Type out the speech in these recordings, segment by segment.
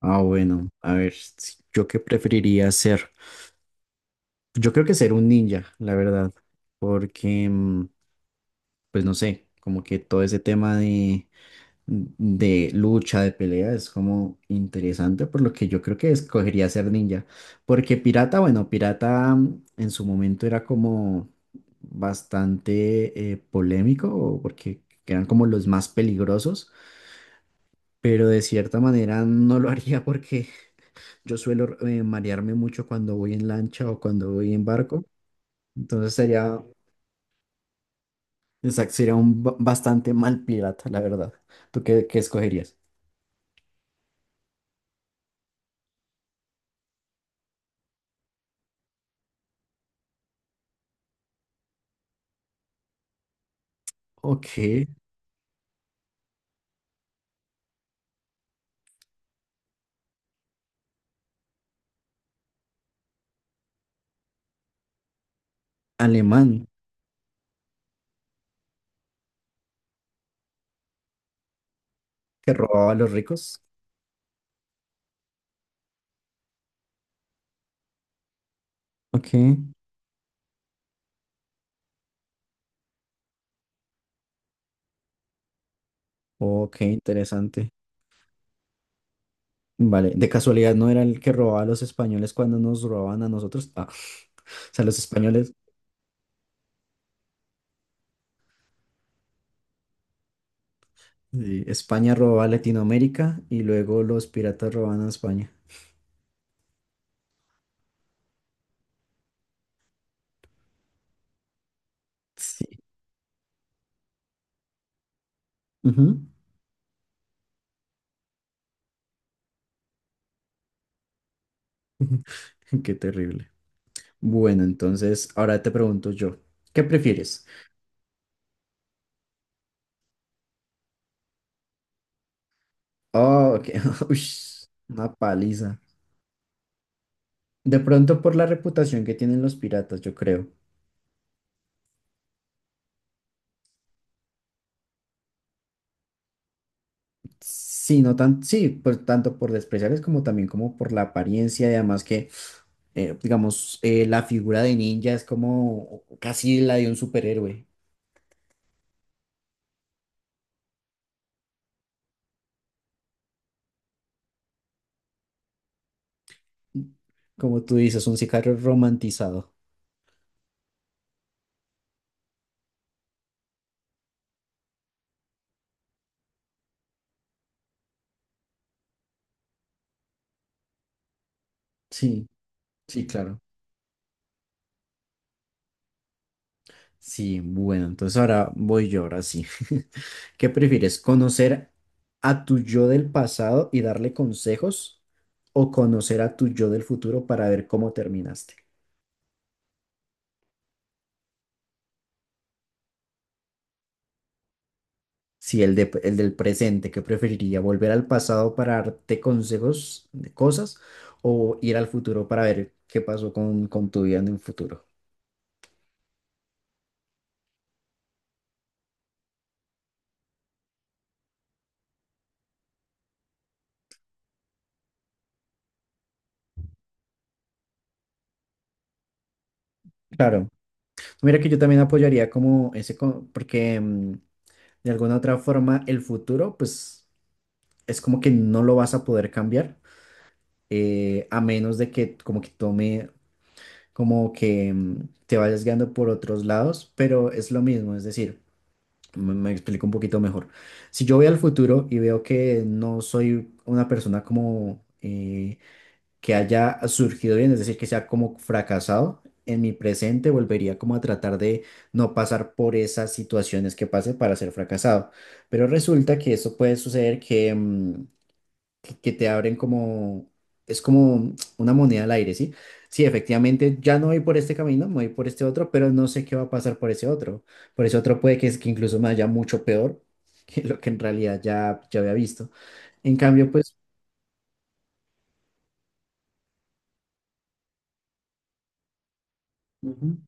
Ah, bueno, a ver, ¿yo qué preferiría ser? Yo creo que ser un ninja, la verdad, porque, pues no sé, como que todo ese tema de lucha, de pelea, es como interesante, por lo que yo creo que escogería ser ninja, porque pirata, bueno, pirata en su momento era como bastante polémico, porque eran como los más peligrosos, pero de cierta manera no lo haría porque yo suelo marearme mucho cuando voy en lancha o cuando voy en barco. Entonces sería, exacto, sería un bastante mal pirata, la verdad. ¿Tú qué, qué escogerías? Ok. Alemán, que robaba a los ricos. Ok. Ok, interesante. Vale. De casualidad no era el que robaba a los españoles cuando nos robaban a nosotros. Ah. O sea, los españoles. Sí, España robaba a Latinoamérica y luego los piratas robaban a España. Sí. Ujú. Qué terrible. Bueno, entonces ahora te pregunto yo, ¿qué prefieres? Oh, ok. Ush, una paliza. De pronto por la reputación que tienen los piratas, yo creo. Sí, no tan, sí, pues tanto por despreciarles como también como por la apariencia y además que, digamos, la figura de ninja es como casi la de un superhéroe. Como tú dices, un sicario romantizado. Sí, sí, claro. Sí, bueno, entonces ahora voy yo, ahora sí. ¿Qué prefieres? ¿Conocer a tu yo del pasado y darle consejos o conocer a tu yo del futuro para ver cómo terminaste? Sí, el de, el del presente, ¿qué preferiría? ¿Volver al pasado para darte consejos de cosas o ir al futuro para ver qué pasó con tu vida en el futuro? Claro. Mira que yo también apoyaría como ese, porque de alguna otra forma el futuro, pues es como que no lo vas a poder cambiar, a menos de que como que tome, como que te vayas guiando por otros lados, pero es lo mismo, es decir, me explico un poquito mejor. Si yo voy al futuro y veo que no soy una persona como que haya surgido bien, es decir, que sea como fracasado. En mi presente volvería como a tratar de no pasar por esas situaciones que pase para ser fracasado. Pero resulta que eso puede suceder que, que te abren como, es como una moneda al aire, ¿sí? Sí, efectivamente, ya no voy por este camino, me voy por este otro, pero no sé qué va a pasar por ese otro. Por ese otro puede que, es, que incluso me haya mucho peor que lo que en realidad ya, ya había visto. En cambio, pues... ujú.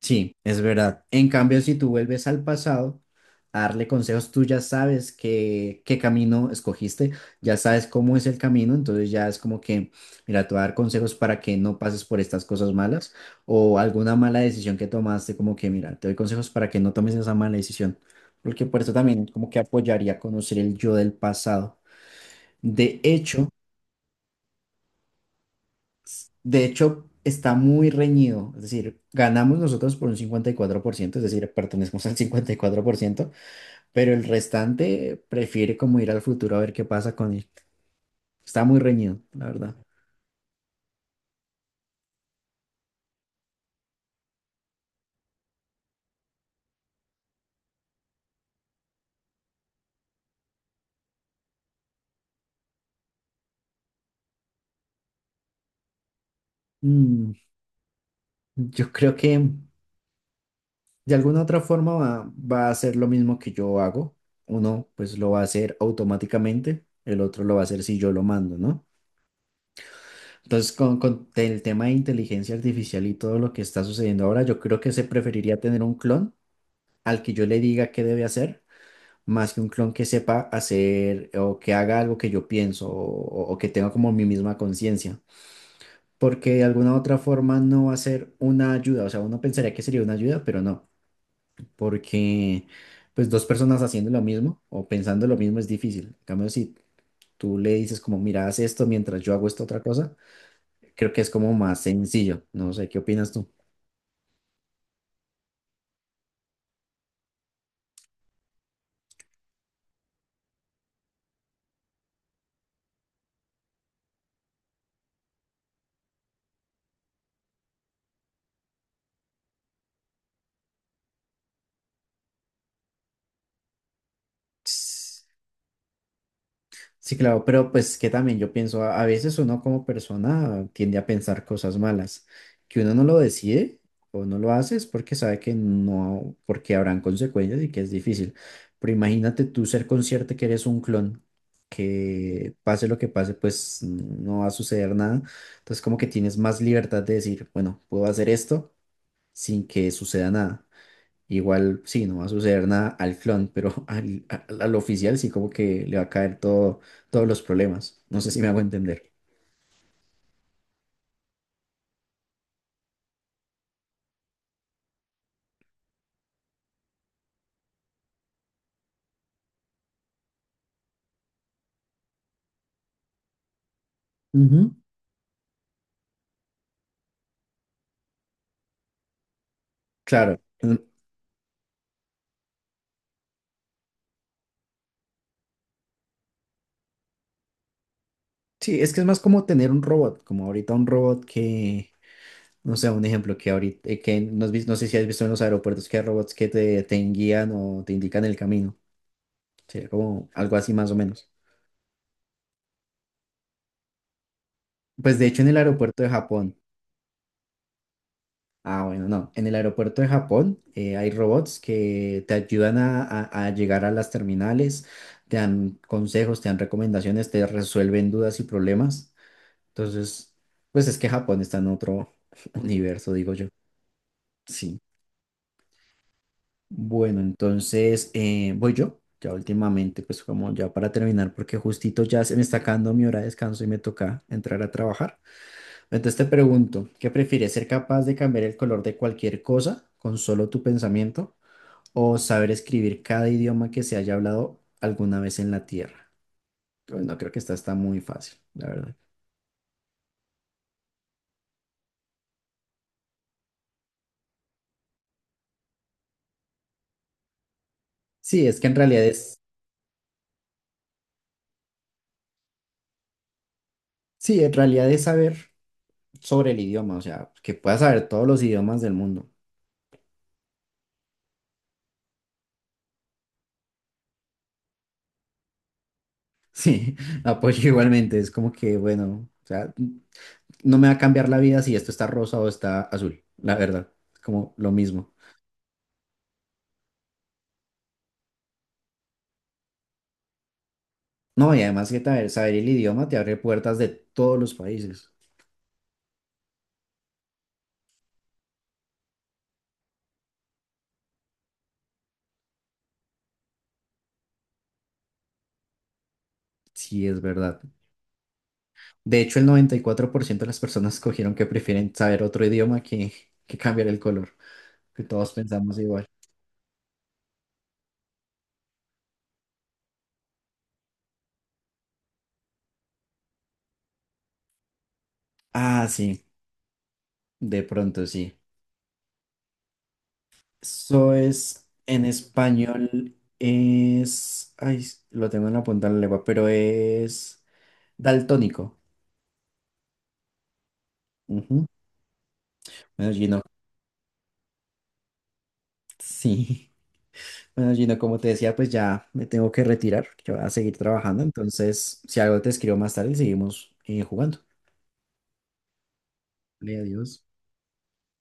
Sí, es verdad. En cambio, si tú vuelves al pasado a darle consejos, tú ya sabes qué, qué camino escogiste, ya sabes cómo es el camino, entonces ya es como que, mira, te voy a dar consejos para que no pases por estas cosas malas o alguna mala decisión que tomaste, como que, mira, te doy consejos para que no tomes esa mala decisión, porque por eso también como que apoyaría conocer el yo del pasado. De hecho, De hecho, está muy reñido, es decir, ganamos nosotros por un 54%, es decir, pertenecemos al 54%, pero el restante prefiere como ir al futuro a ver qué pasa con él. Está muy reñido, la verdad. Mm, yo creo que de alguna otra forma va a hacer lo mismo que yo hago. Uno pues lo va a hacer automáticamente, el otro lo va a hacer si yo lo mando, ¿no? Entonces, con el tema de inteligencia artificial y todo lo que está sucediendo ahora, yo creo que se preferiría tener un clon al que yo le diga qué debe hacer, más que un clon que sepa hacer o que haga algo que yo pienso o que tenga como mi misma conciencia. Porque de alguna u otra forma no va a ser una ayuda. O sea, uno pensaría que sería una ayuda, pero no. Porque pues dos personas haciendo lo mismo o pensando lo mismo es difícil. En cambio, si tú le dices como, mira, haz esto mientras yo hago esta otra cosa, creo que es como más sencillo. No sé, ¿qué opinas tú? Sí, claro, pero pues que también yo pienso, a veces uno como persona tiende a pensar cosas malas, que uno no lo decide o no lo hace es porque sabe que no, porque habrán consecuencias y que es difícil. Pero imagínate tú ser consciente que eres un clon, que pase lo que pase, pues no va a suceder nada. Entonces como que tienes más libertad de decir, bueno, puedo hacer esto sin que suceda nada. Igual, sí, no va a suceder nada al clon, pero al oficial sí como que le va a caer todo, todos los problemas. No sé si me hago entender. Ujú. Claro. Mm, sí, es que es más como tener un robot, como ahorita un robot que, no sé, un ejemplo que ahorita, que no, no sé si has visto en los aeropuertos que hay robots que te guían o te indican el camino. Sería como algo así más o menos. Pues de hecho en el aeropuerto de Japón. Ah, bueno, no. En el aeropuerto de Japón hay robots que te ayudan a llegar a las terminales, te dan consejos, te dan recomendaciones, te resuelven dudas y problemas. Entonces, pues es que Japón está en otro universo, digo yo. Sí. Bueno, entonces voy yo. Ya últimamente, pues como ya para terminar, porque justito ya se me está acabando mi hora de descanso y me toca entrar a trabajar. Entonces te pregunto, ¿qué prefieres? ¿Ser capaz de cambiar el color de cualquier cosa con solo tu pensamiento o saber escribir cada idioma que se haya hablado alguna vez en la Tierra? Pues no creo que esta está muy fácil, la verdad. Sí, es que en realidad es, sí, en realidad es saber sobre el idioma, o sea, que puedas saber todos los idiomas del mundo. Sí, apoyo igualmente, es como que, bueno, o sea, no me va a cambiar la vida si esto está rosa o está azul, la verdad, es como lo mismo. No, y además que saber, saber el idioma te abre puertas de todos los países. Sí, es verdad. De hecho, el 94% de las personas escogieron que prefieren saber otro idioma que cambiar el color, que todos pensamos igual. Ah, sí, de pronto sí. Eso es en español, es... Ay, lo tengo en la punta de la lengua, pero es daltónico. Ujú. Bueno, Gino, sí. Bueno, Gino, como te decía, pues ya me tengo que retirar, que voy a seguir trabajando. Entonces, si algo te escribo más tarde, seguimos jugando. Vale, adiós.